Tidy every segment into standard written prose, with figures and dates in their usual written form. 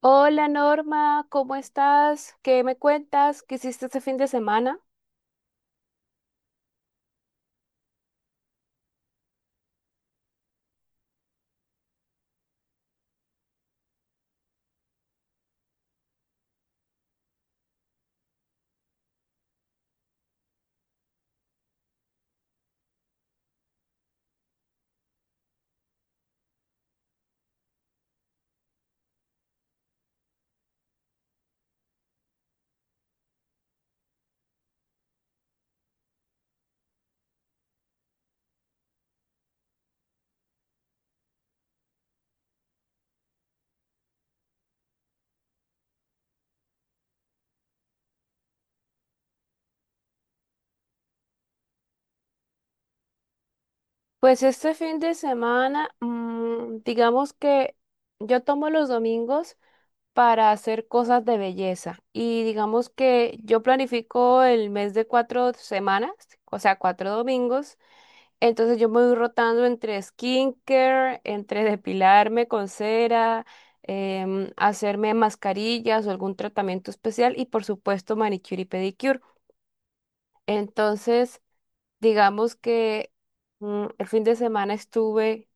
Hola Norma, ¿cómo estás? ¿Qué me cuentas? ¿Qué hiciste este fin de semana? Pues este fin de semana, digamos que yo tomo los domingos para hacer cosas de belleza y digamos que yo planifico el mes de 4 semanas, o sea, cuatro domingos, entonces yo me voy rotando entre skincare, entre depilarme con cera. Hacerme mascarillas o algún tratamiento especial y por supuesto manicure y pedicure. Entonces, digamos que, el fin de semana estuve,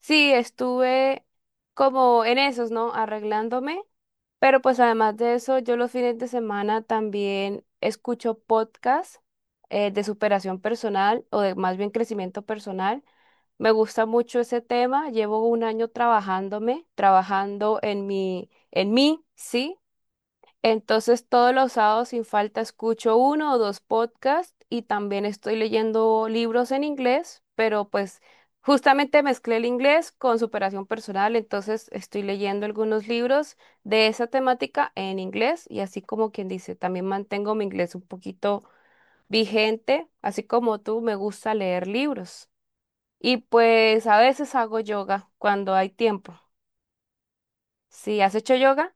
sí, estuve como en esos, ¿no? Arreglándome, pero pues además de eso, yo los fines de semana también escucho podcasts de superación personal o de más bien crecimiento personal. Me gusta mucho ese tema, llevo un año trabajándome, trabajando en mi, en mí, sí. Entonces todos los sábados sin falta escucho uno o dos podcasts y también estoy leyendo libros en inglés, pero pues justamente mezclé el inglés con superación personal, entonces estoy leyendo algunos libros de esa temática en inglés y así como quien dice, también mantengo mi inglés un poquito vigente, así como tú me gusta leer libros. Y pues a veces hago yoga cuando hay tiempo. ¿Sí has hecho yoga?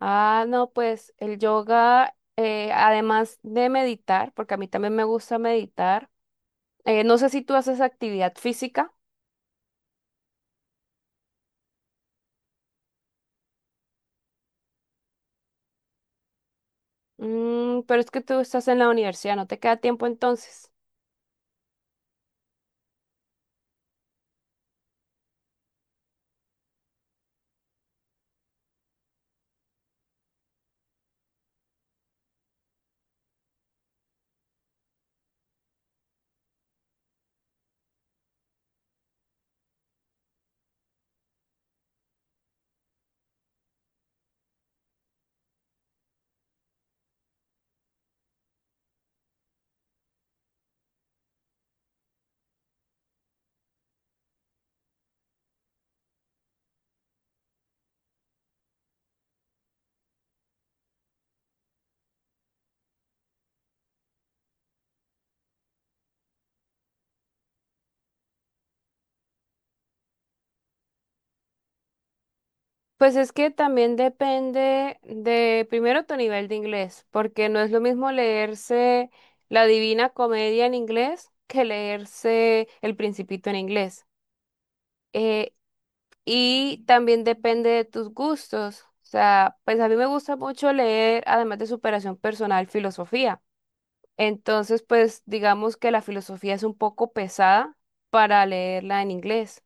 Ah, no, pues el yoga, además de meditar, porque a mí también me gusta meditar, no sé si tú haces actividad física. Pero es que tú estás en la universidad, no te queda tiempo entonces. Pues es que también depende de, primero, tu nivel de inglés, porque no es lo mismo leerse La Divina Comedia en inglés que leerse El Principito en inglés. Eh, Y también depende de tus gustos. O sea, pues a mí me gusta mucho leer, además de superación personal, filosofía. Entonces, pues digamos que la filosofía es un poco pesada para leerla en inglés.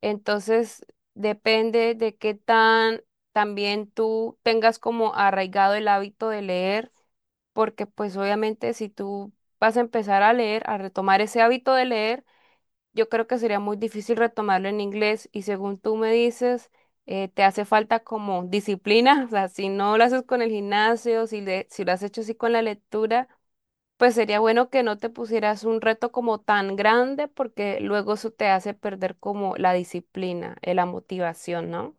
Entonces, depende de qué tan también tú tengas como arraigado el hábito de leer, porque pues obviamente si tú vas a empezar a leer, a retomar ese hábito de leer, yo creo que sería muy difícil retomarlo en inglés y según tú me dices, te hace falta como disciplina. O sea, si no lo haces con el gimnasio, si, si lo has hecho así con la lectura, pues sería bueno que no te pusieras un reto como tan grande porque luego eso te hace perder como la disciplina, la motivación, ¿no?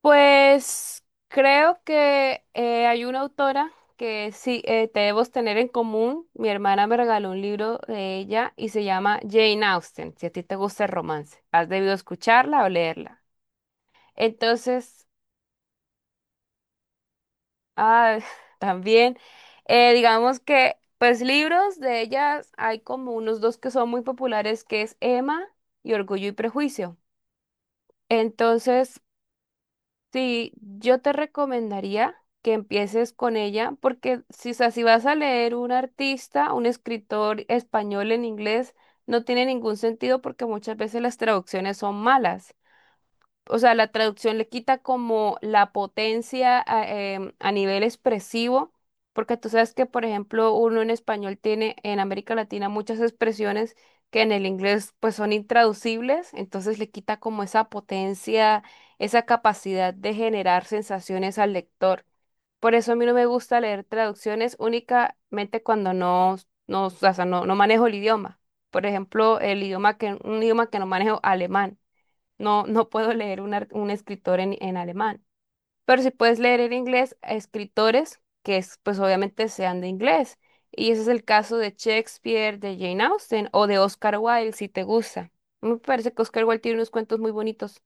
Pues creo que hay una autora que sí, debemos tener en común. Mi hermana me regaló un libro de ella y se llama Jane Austen. Si a ti te gusta el romance, has debido escucharla o leerla. Entonces, ah, también, digamos que, pues libros de ellas hay como unos dos que son muy populares, que es Emma y Orgullo y Prejuicio. Entonces, sí, yo te recomendaría que empieces con ella, porque si, o sea, si vas a leer un artista, un escritor español en inglés, no tiene ningún sentido porque muchas veces las traducciones son malas, o sea, la traducción le quita como la potencia a, a nivel expresivo, porque tú sabes que, por ejemplo, uno en español tiene en América Latina muchas expresiones que en el inglés pues son intraducibles, entonces le quita como esa potencia, esa capacidad de generar sensaciones al lector. Por eso a mí no me gusta leer traducciones únicamente cuando no, no, o sea, no, no manejo el idioma. Por ejemplo, el idioma que, un idioma que no manejo, alemán. No, no puedo leer un, un escritor en alemán, pero si puedes leer en inglés a escritores que es, pues obviamente sean de inglés. Y ese es el caso de Shakespeare, de Jane Austen o de Oscar Wilde, si te gusta. Me parece que Oscar Wilde tiene unos cuentos muy bonitos.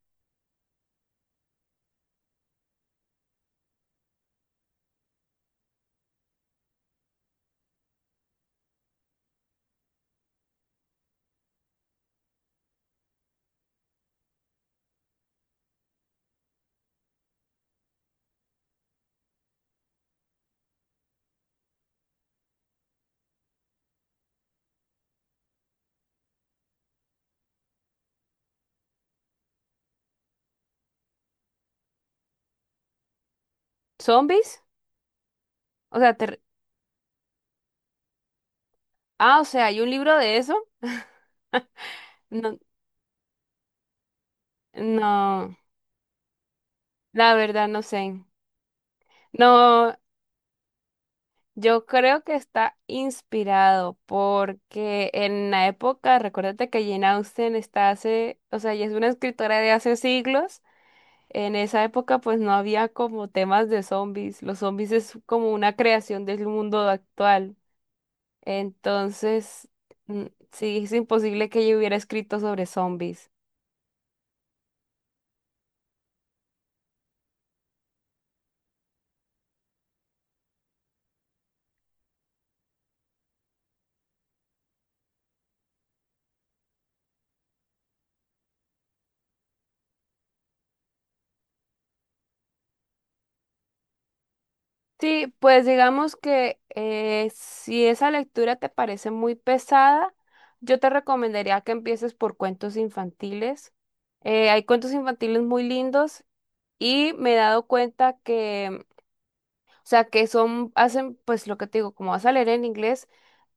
¿Zombies? O sea, te ah, o sea, ¿hay un libro de eso? No, no, la verdad no sé. No, yo creo que está inspirado porque en la época, recuérdate que Jane Austen está hace, o sea, ella es una escritora de hace siglos. En esa época, pues no había como temas de zombies. Los zombies es como una creación del mundo actual. Entonces, mm, sí, es imposible que ella hubiera escrito sobre zombies. Sí, pues digamos que, si esa lectura te parece muy pesada, yo te recomendaría que empieces por cuentos infantiles. Hay cuentos infantiles muy lindos y me he dado cuenta que, o sea, que son, hacen, pues lo que te digo, como vas a leer en inglés,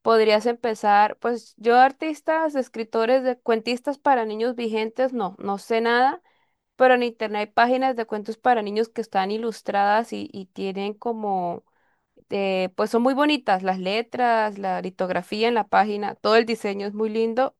podrías empezar, pues yo artistas, escritores, de cuentistas para niños vigentes, no, no sé nada, pero en internet hay páginas de cuentos para niños que están ilustradas y tienen como, pues son muy bonitas las letras, la litografía en la página, todo el diseño es muy lindo.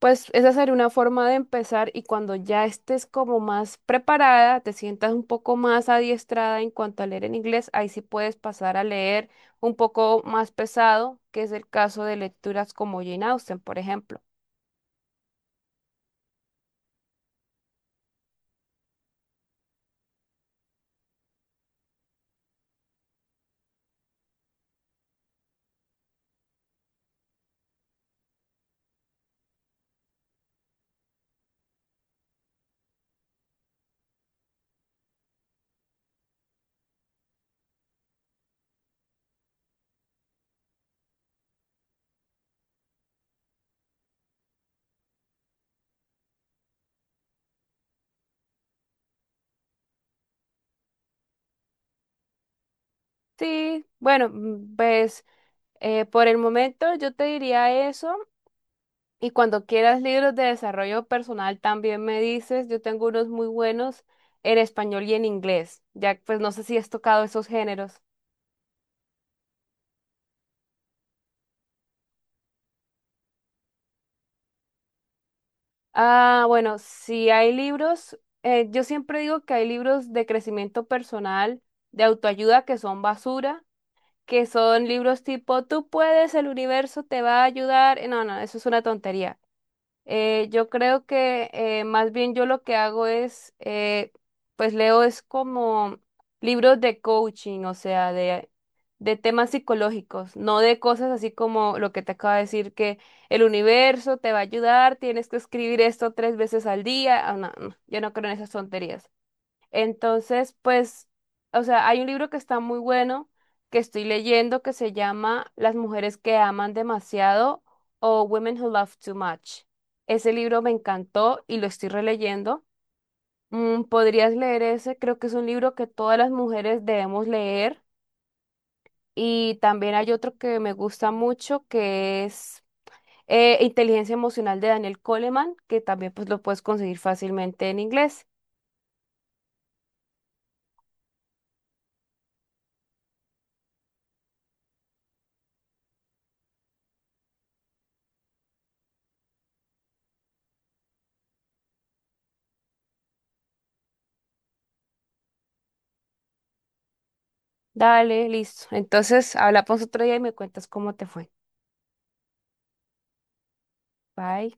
Pues esa sería una forma de empezar y cuando ya estés como más preparada, te sientas un poco más adiestrada en cuanto a leer en inglés, ahí sí puedes pasar a leer un poco más pesado, que es el caso de lecturas como Jane Austen, por ejemplo. Sí, bueno, pues por el momento yo te diría eso. Y cuando quieras libros de desarrollo personal, también me dices, yo tengo unos muy buenos en español y en inglés. Ya, pues no sé si has tocado esos géneros. Ah, bueno, si hay libros, yo siempre digo que hay libros de crecimiento personal, de autoayuda que son basura, que son libros tipo, tú puedes, el universo te va a ayudar. No, no, eso es una tontería. Yo creo que más bien yo lo que hago es, pues leo es como libros de coaching, o sea, de temas psicológicos, no de cosas así como lo que te acabo de decir, que el universo te va a ayudar, tienes que escribir esto 3 veces al día. Ah, no, no, yo no creo en esas tonterías. Entonces, pues, o sea, hay un libro que está muy bueno que estoy leyendo que se llama Las mujeres que aman demasiado o Women Who Love Too Much. Ese libro me encantó y lo estoy releyendo. Mm, podrías leer ese, creo que es un libro que todas las mujeres debemos leer. Y también hay otro que me gusta mucho que es, Inteligencia Emocional de Daniel Coleman, que también pues lo puedes conseguir fácilmente en inglés. Dale, listo. Entonces, hablamos otro día y me cuentas cómo te fue. Bye.